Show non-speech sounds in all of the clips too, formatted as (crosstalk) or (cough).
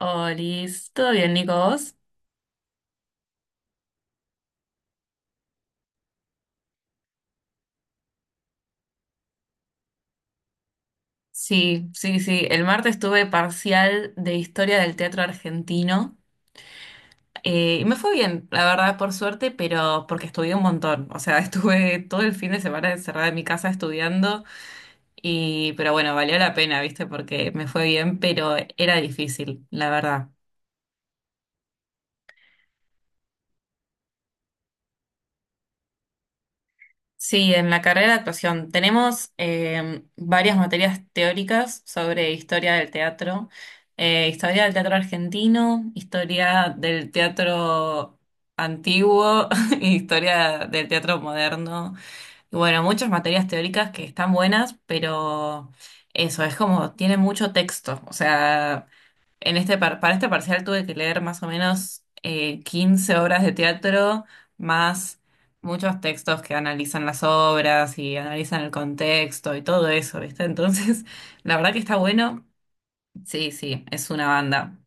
Olis, ¿todo bien, Nico? ¿Vos? Sí, sí, sí. El martes tuve parcial de historia del teatro argentino, y me fue bien, la verdad, por suerte, pero porque estudié un montón. O sea, (laughs) estuve todo el fin de semana encerrada en mi casa estudiando y, pero bueno, valió la pena, ¿viste? Porque me fue bien, pero era difícil, la verdad. Sí, en la carrera de actuación tenemos varias materias teóricas sobre historia del teatro argentino, historia del teatro antiguo, (laughs) y historia del teatro moderno. Y bueno, muchas materias teóricas que están buenas, pero eso es como, tiene mucho texto. O sea, para este parcial tuve que leer más o menos 15 obras de teatro, más muchos textos que analizan las obras y analizan el contexto y todo eso, ¿viste? Entonces, (laughs) la verdad que está bueno. Sí, sí, es una banda.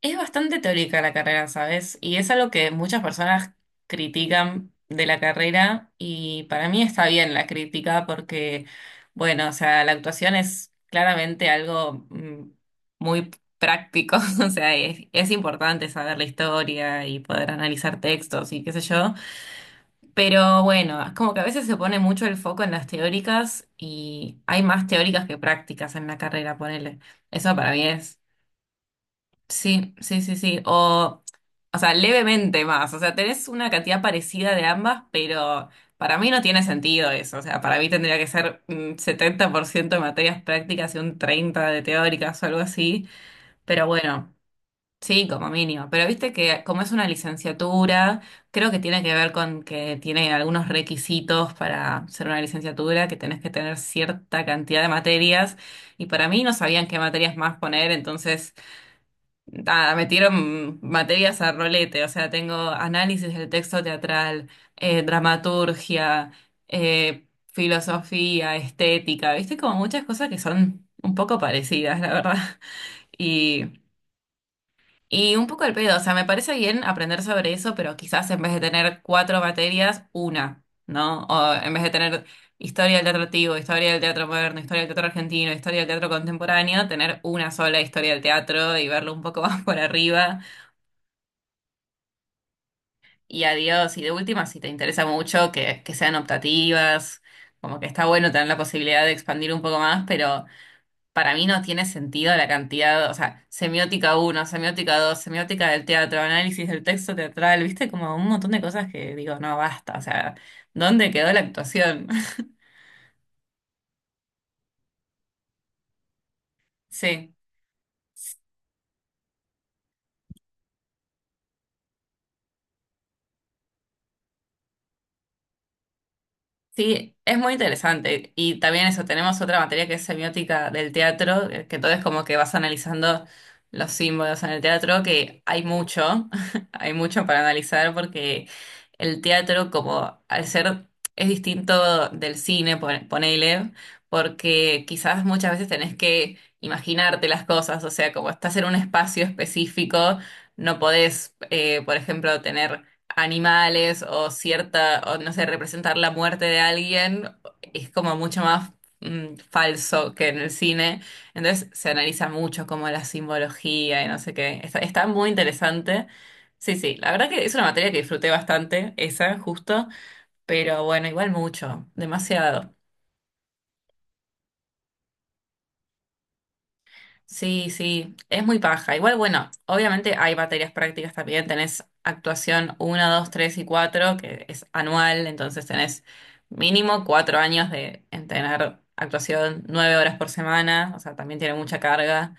Es bastante teórica la carrera, ¿sabes? Y es algo que muchas personas critican de la carrera y para mí está bien la crítica porque, bueno, o sea, la actuación es claramente algo muy práctico. (laughs) O sea, es importante saber la historia y poder analizar textos y qué sé yo, pero bueno, es como que a veces se pone mucho el foco en las teóricas y hay más teóricas que prácticas en la carrera, ponele. Eso para mí es. Sí, sí, sí, sí. O sea, levemente más. O sea, tenés una cantidad parecida de ambas, pero para mí no tiene sentido eso. O sea, para mí tendría que ser un 70% de materias prácticas y un 30% de teóricas o algo así. Pero bueno, sí, como mínimo. Pero viste que como es una licenciatura, creo que tiene que ver con que tiene algunos requisitos para ser una licenciatura, que tenés que tener cierta cantidad de materias. Y para mí no sabían qué materias más poner, entonces. Nada, me tiro materias a rolete, o sea, tengo análisis del texto teatral, dramaturgia, eh, filosofía, estética, viste, como muchas cosas que son un poco parecidas, la verdad. (laughs) Y, y un poco el pedo, o sea, me parece bien aprender sobre eso, pero quizás en vez de tener cuatro materias, una, ¿no? O en vez de tener historia del teatro antiguo, historia del teatro moderno, historia del teatro argentino, historia del teatro contemporáneo, tener una sola historia del teatro y verlo un poco (laughs) más por arriba. Y adiós. Y de última, si te interesa mucho, que sean optativas, como que está bueno tener la posibilidad de expandir un poco más, pero para mí no tiene sentido la cantidad, o sea, semiótica uno, semiótica dos, semiótica del teatro, análisis del texto teatral, viste, como un montón de cosas que digo, no, basta, o sea, ¿dónde quedó la actuación? (laughs) Sí. Sí, es muy interesante. Y también eso, tenemos otra materia que es semiótica del teatro, que todo es como que vas analizando los símbolos en el teatro, que hay mucho, (laughs) hay mucho para analizar porque el teatro, como al ser, es distinto del cine, ponele, porque quizás muchas veces tenés que imaginarte las cosas, o sea, como estás en un espacio específico, no podés, por ejemplo, tener animales o cierta, o no sé, representar la muerte de alguien es como mucho más falso que en el cine. Entonces se analiza mucho como la simbología y no sé qué. Está, está muy interesante. Sí, sí, la verdad que es una materia que disfruté bastante, esa, justo, pero bueno, igual mucho, demasiado. Sí, sí, es muy paja. Igual, bueno, obviamente hay materias prácticas también. Tenés actuación uno, 2, 3 y 4, que es anual, entonces tenés mínimo 4 años de entrenar actuación 9 horas por semana, o sea, también tiene mucha carga.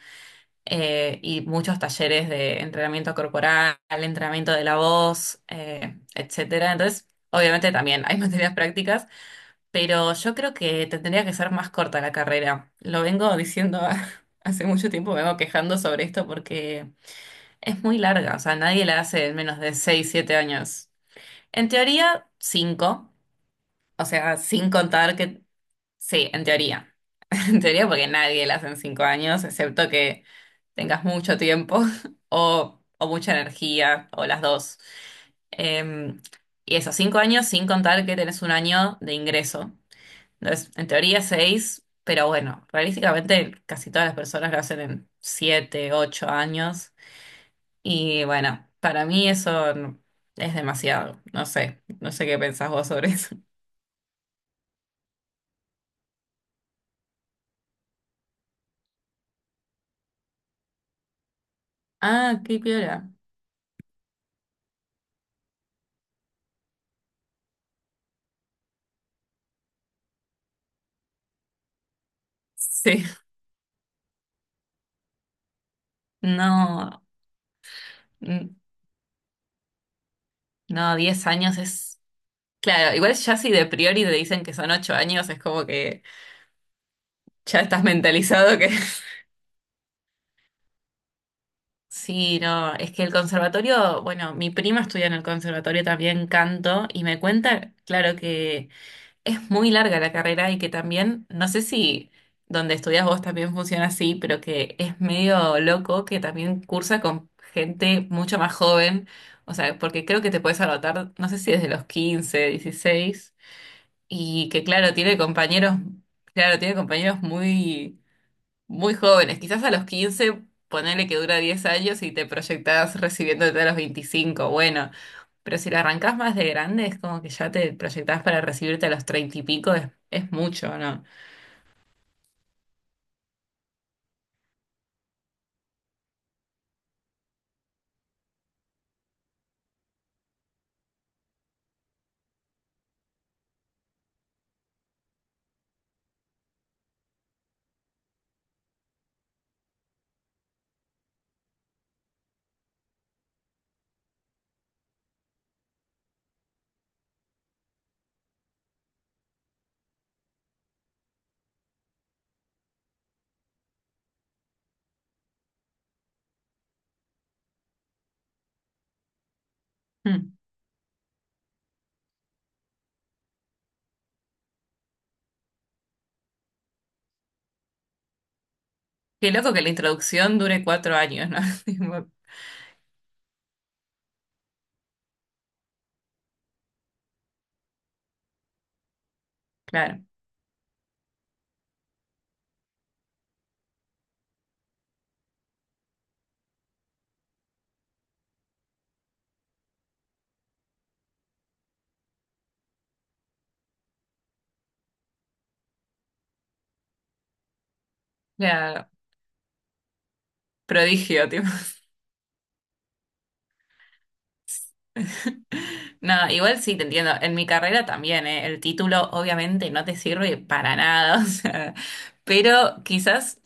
Y muchos talleres de entrenamiento corporal, entrenamiento de la voz, etcétera. Entonces, obviamente también hay (laughs) materias prácticas, pero yo creo que tendría que ser más corta la carrera. Lo vengo diciendo (laughs) hace mucho tiempo, me vengo quejando sobre esto porque es muy larga, o sea, nadie la hace en menos de 6 7 años. En teoría, cinco, o sea, sin contar que. Sí, en teoría. (laughs) En teoría porque nadie la hace en 5 años, excepto que tengas mucho tiempo (laughs) o, mucha energía o las dos. Em, y esos 5 años sin contar que tenés un año de ingreso, entonces, en teoría seis, pero bueno, realísticamente casi todas las personas lo hacen en 7, 8 años. Y bueno, para mí eso es demasiado. No sé, no sé qué pensás vos sobre eso. (laughs) Ah, qué piola. Sí, no, mm, no, 10 años es. Claro, igual ya si de priori te dicen que son 8 años, es como que ya estás mentalizado que. Sí, no, es que el conservatorio, bueno, mi prima estudia en el conservatorio también canto y me cuenta, claro, que es muy larga la carrera y que también, no sé si donde estudias vos también funciona así, pero que es medio loco que también cursa con gente mucho más joven, o sea, porque creo que te puedes anotar, no sé si desde los 15, 16, y que claro, tiene compañeros muy muy jóvenes, quizás a los 15 ponele que dura 10 años y te proyectás recibiéndote a los 25, bueno, pero si la arrancás más de grande es como que ya te proyectás para recibirte a los 30 y pico, es mucho, ¿no? Hmm. Qué loco que la introducción dure 4 años, ¿no? (laughs) Tipo, claro, claro, prodigio. No, igual sí, te entiendo. En mi carrera también, ¿eh? El título obviamente no te sirve para nada, (laughs) o sea, pero quizás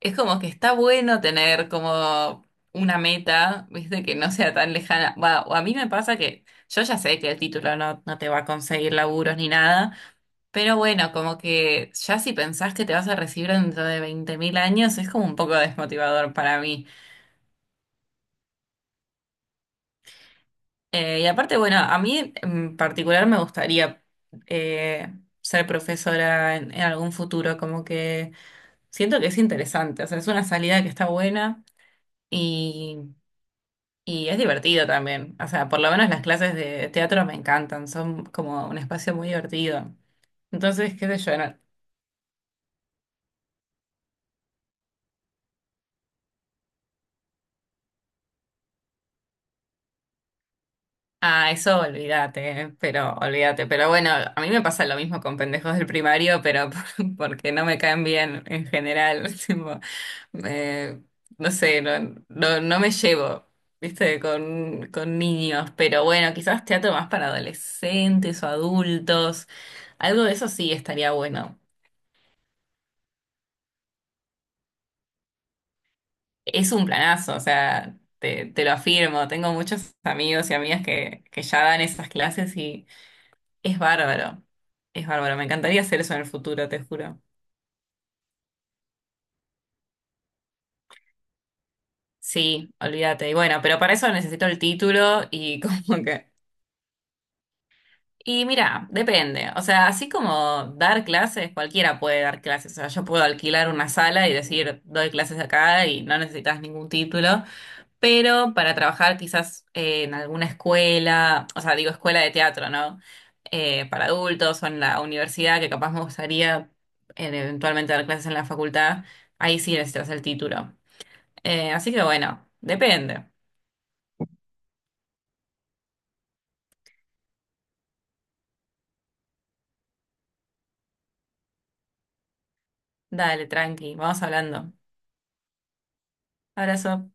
es como que está bueno tener como una meta, ¿viste? Que no sea tan lejana. Va, o a mí me pasa que yo ya sé que el título no, no te va a conseguir laburos ni nada, pero bueno, como que ya si pensás que te vas a recibir dentro de 20.000 años, es como un poco desmotivador para mí. Y aparte, bueno, a mí en particular me gustaría eh, ser profesora en algún futuro, como que siento que es interesante, o sea, es una salida que está buena y, y es divertido también, o sea, por lo menos las clases de teatro me encantan, son como un espacio muy divertido. Entonces, qué sé yo. Ah, eso olvídate, pero olvídate. Pero bueno, a mí me pasa lo mismo con pendejos del primario, pero (laughs) porque no me caen bien en general. (laughs) Tipo, eh, no sé, no, no, no me llevo, viste, con niños. Pero bueno, quizás teatro más para adolescentes o adultos. Algo de eso sí estaría bueno. Es un planazo, o sea, te lo afirmo. Tengo muchos amigos y amigas que ya dan esas clases. Es bárbaro, es bárbaro. Me encantaría hacer eso en el futuro, te juro. Sí, olvídate. Y bueno, pero para eso necesito el título y (laughs) como que. Y mira, depende. O sea, así como dar clases, cualquiera puede dar clases. O sea, yo puedo alquilar una sala y decir, doy clases acá y no necesitas ningún título. Pero para trabajar quizás en alguna escuela, o sea, digo escuela de teatro, ¿no? Para adultos o en la universidad, que capaz me gustaría eventualmente dar clases en la facultad, ahí sí necesitas el título. Así que bueno, depende. Dale, tranqui, vamos hablando. Abrazo.